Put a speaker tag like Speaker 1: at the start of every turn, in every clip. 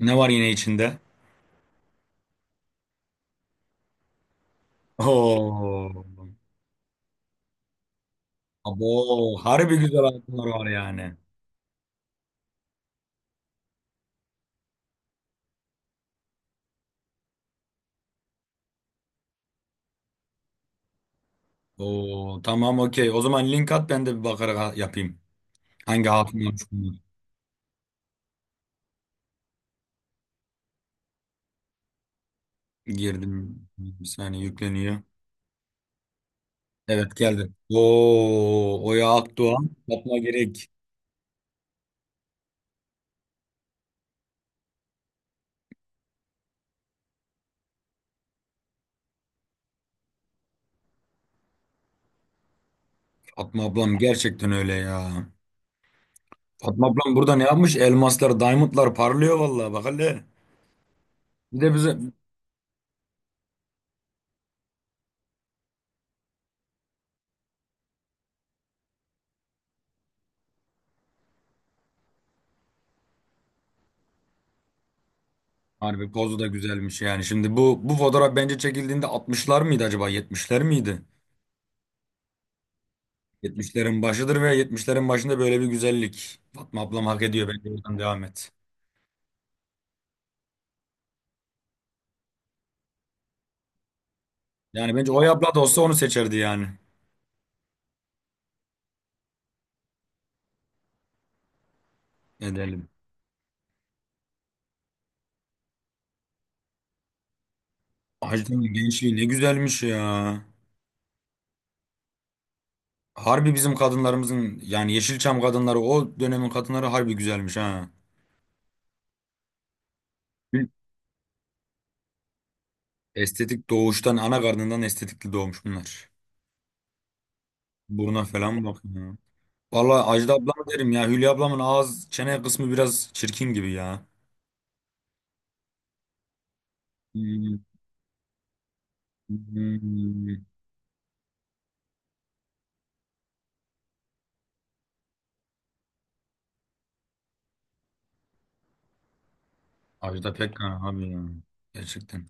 Speaker 1: Ne var yine içinde? Oo. Abo. Harbi güzel altınlar var yani. Oo. Tamam, okey. O zaman link at, ben de bir bakarak yapayım. Hangi hatunlar şunlar? Girdim. Bir saniye yükleniyor. Evet, geldi. Oo. Oya Akdoğan. Fatma Gerek. Fatma ablam gerçekten öyle ya. Fatma ablam burada ne yapmış? Elmaslar, diamondlar parlıyor vallahi, bak hele. Bir de bize harbi pozu da güzelmiş yani. Şimdi bu fotoğraf bence çekildiğinde 60'lar mıydı acaba? 70'ler miydi? Yetmişlerin başıdır ve yetmişlerin başında böyle bir güzellik. Fatma ablam hak ediyor. Bence oradan devam et. Yani bence Oya abla da olsa onu seçerdi yani. Edelim. Hacı'nın gençliği ne güzelmiş ya. Harbi bizim kadınlarımızın yani Yeşilçam kadınları, o dönemin kadınları harbi güzelmiş ha. Estetik doğuştan, ana karnından estetikli doğmuş bunlar. Buruna falan bak ya. Valla Ajda ablam derim ya. Hülya ablamın ağız çene kısmı biraz çirkin gibi ya. Hmm. Ajda Pekkan abi ya. Gerçekten.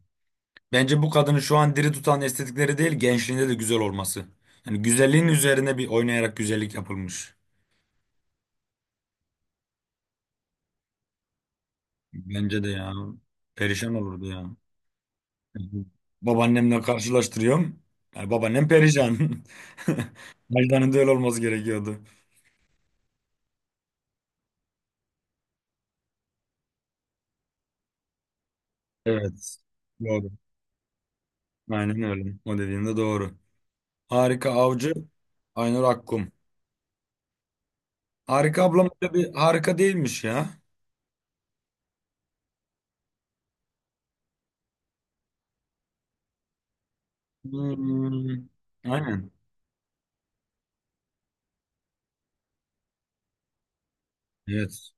Speaker 1: Bence bu kadını şu an diri tutan estetikleri değil, gençliğinde de güzel olması. Yani güzelliğin üzerine bir oynayarak güzellik yapılmış. Bence de ya. Perişan olurdu ya. Babaannemle karşılaştırıyorum. Yani babaannem perişan. Ajda'nın da öyle olması gerekiyordu. Evet. Doğru. Aynen öyle. O dediğin de doğru. Harika Avcı, Aynur Akkum. Harika ablam da bir harika değilmiş ya. Hmm, aynen. Evet.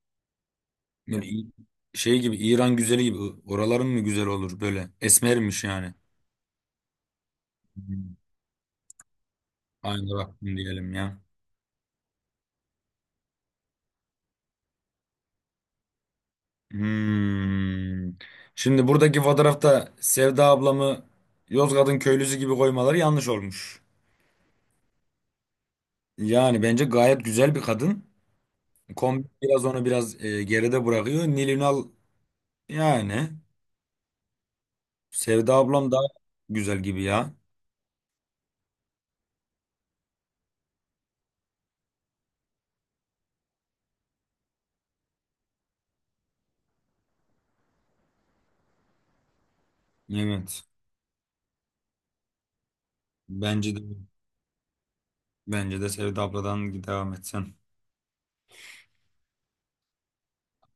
Speaker 1: Böyle şey gibi, İran güzeli gibi oraların mı güzel olur, böyle esmermiş yani. Hmm. Aynı Rabbim diyelim ya. Hmm. Şimdi buradaki fotoğrafta Sevda ablamı Yozgat'ın köylüsü gibi koymaları yanlış olmuş. Yani bence gayet güzel bir kadın. Kombi biraz onu biraz geride bırakıyor. Nil Ünal, yani Sevda ablam daha güzel gibi ya. Evet. Bence de bence de Sevda abladan devam etsen.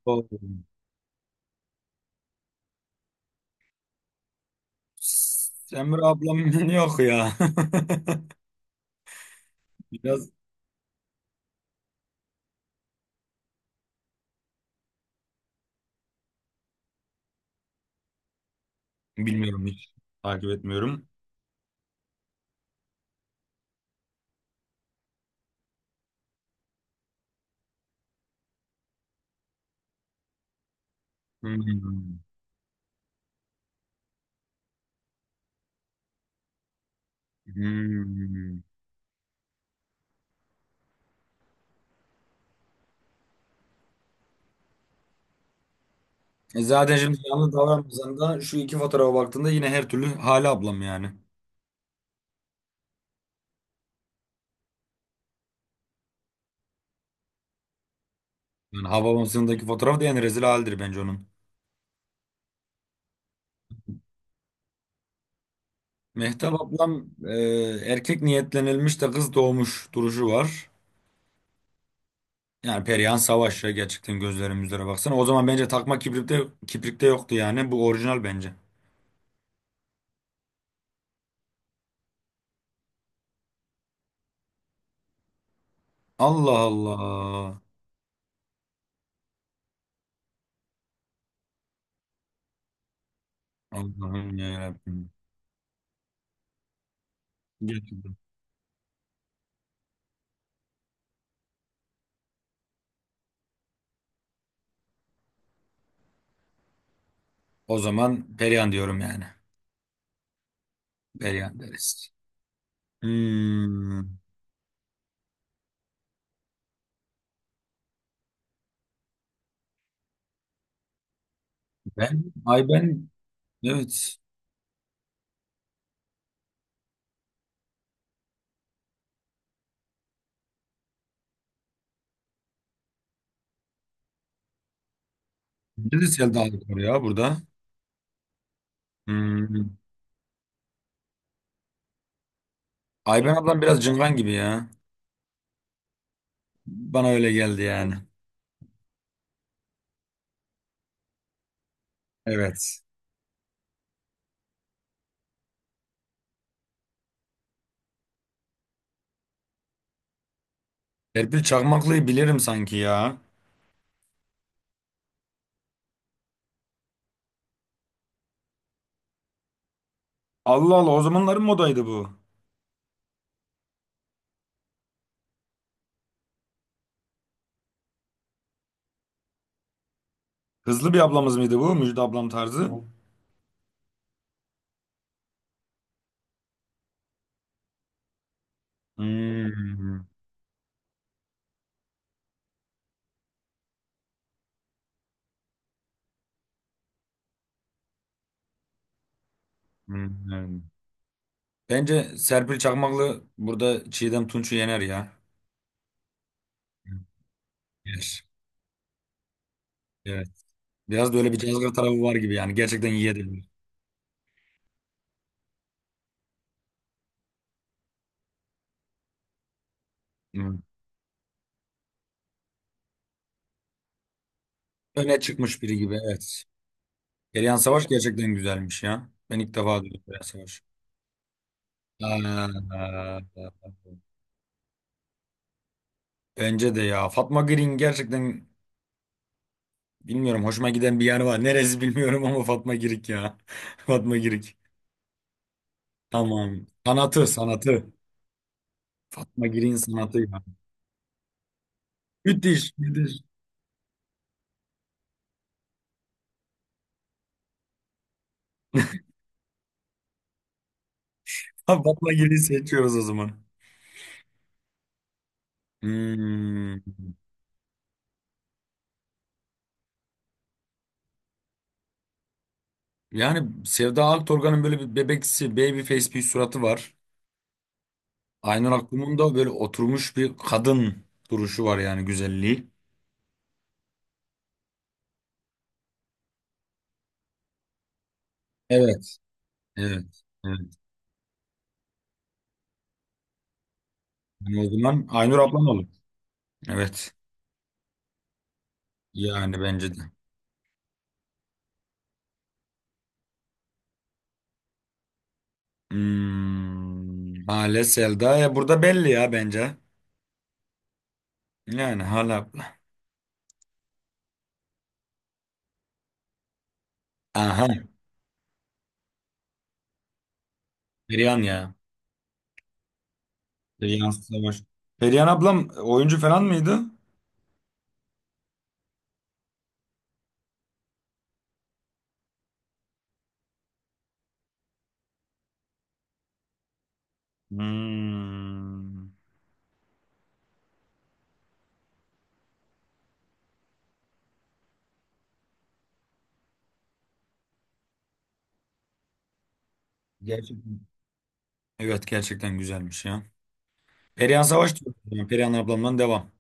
Speaker 1: Doğru. Semra ablam yok ya. Biraz bilmiyorum hiç. Takip etmiyorum. Hmm. Hmm. E zaten şimdi yalnız davranmasan da şu iki fotoğrafa baktığında yine her türlü Hale ablam yani. Yani Havabası'ndaki fotoğraf da en rezil haldir bence onun. Mehtap ablam erkek niyetlenilmiş de kız doğmuş duruşu var. Yani Perihan Savaş ya, gerçekten gözlerim yüzlere baksana. O zaman bence takma kibrikte yoktu yani. Bu orijinal bence. Allah Allah. Allah'ım ya Rabbim. Gerçekten. O zaman Perihan diyorum yani. Perihan deriz. Hmm, ben, ay ben, evet. Neresi geldi var ya burada? Hmm. Ayben ablam biraz cıngan gibi ya. Bana öyle geldi yani. Evet. Serpil Çakmaklı'yı bilirim sanki ya. Allah Allah, o zamanların modaydı bu. Hızlı bir ablamız mıydı bu? Müjde ablam tarzı. Hmm. Hmm. Bence Serpil Çakmaklı burada Çiğdem Tunç'u yener ya. Yer. Evet. Biraz da öyle bir cazgır tarafı var gibi yani. Gerçekten yiyebilir. Hı. Öne çıkmış biri gibi, evet. Perihan Savaş gerçekten güzelmiş ya. Ben ilk defa duydum Perihan Savaş. Aa, bence de ya. Fatma Girik gerçekten, bilmiyorum, hoşuma giden bir yer var. Neresi bilmiyorum ama Fatma Girik ya. Fatma Girik. Tamam. Sanatı, sanatı. Fatma Girik'in sanatı ya. Müthiş, müthiş. Fatma Girik'i seçiyoruz o zaman. Hmm. Yani Sevda Aktorgan'ın böyle bir bebeksi, baby face bir suratı var. Aynur Akkum'un da böyle oturmuş bir kadın duruşu var yani, güzelliği. Evet. Evet. Evet. Yani o zaman Aynur ablam olur. Evet. Yani bence de. Hmm, Hale Selda. Ya burada belli ya bence. Yani Hale abla. Aha. Perihan ya. Perihan Savaş. Perihan ablam oyuncu falan mıydı? Hmm. Gerçekten. Evet, gerçekten güzelmiş ya. Perihan Savaş diyorum. Perihan ablamdan devam.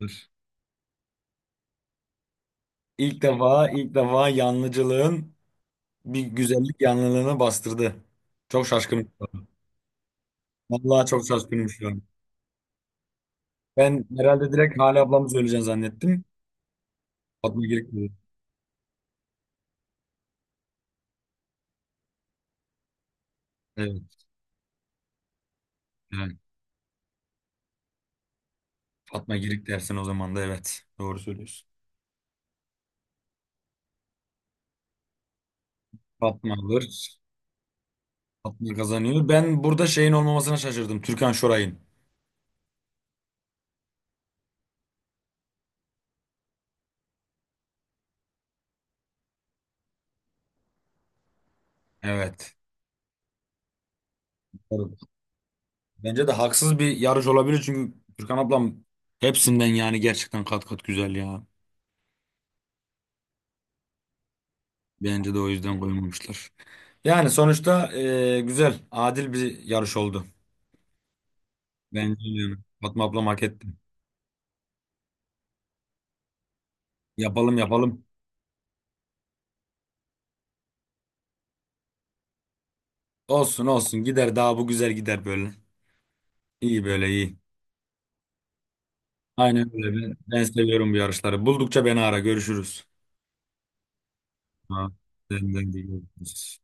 Speaker 1: Dur. İlk defa yanlıcılığın bir güzellik yanlılığını bastırdı. Çok şaşkınım şu an. Vallahi çok şaşkınım şu an. Ben herhalde direkt Hale ablamı söyleyeceğim zannettim. Fatma Girik dedi. Evet, evet. Fatma Girik dersin o zaman da, evet. Doğru söylüyorsun. Fatma alır. Fatma kazanıyor. Ben burada şeyin olmamasına şaşırdım. Türkan Şoray'ın. Evet. Doğru. Bence de haksız bir yarış olabilir çünkü Türkan ablam hepsinden yani gerçekten kat kat güzel ya. Bence de o yüzden koymamışlar. Yani sonuçta güzel, adil bir yarış oldu. Bence de yani. Fatma ablam hak etti. Yapalım, yapalım. Olsun olsun, gider, daha bu güzel gider böyle. İyi, böyle iyi. Aynen öyle. Ben seviyorum bu yarışları. Buldukça beni ara, görüşürüz. Ha, senden de görüşürüz.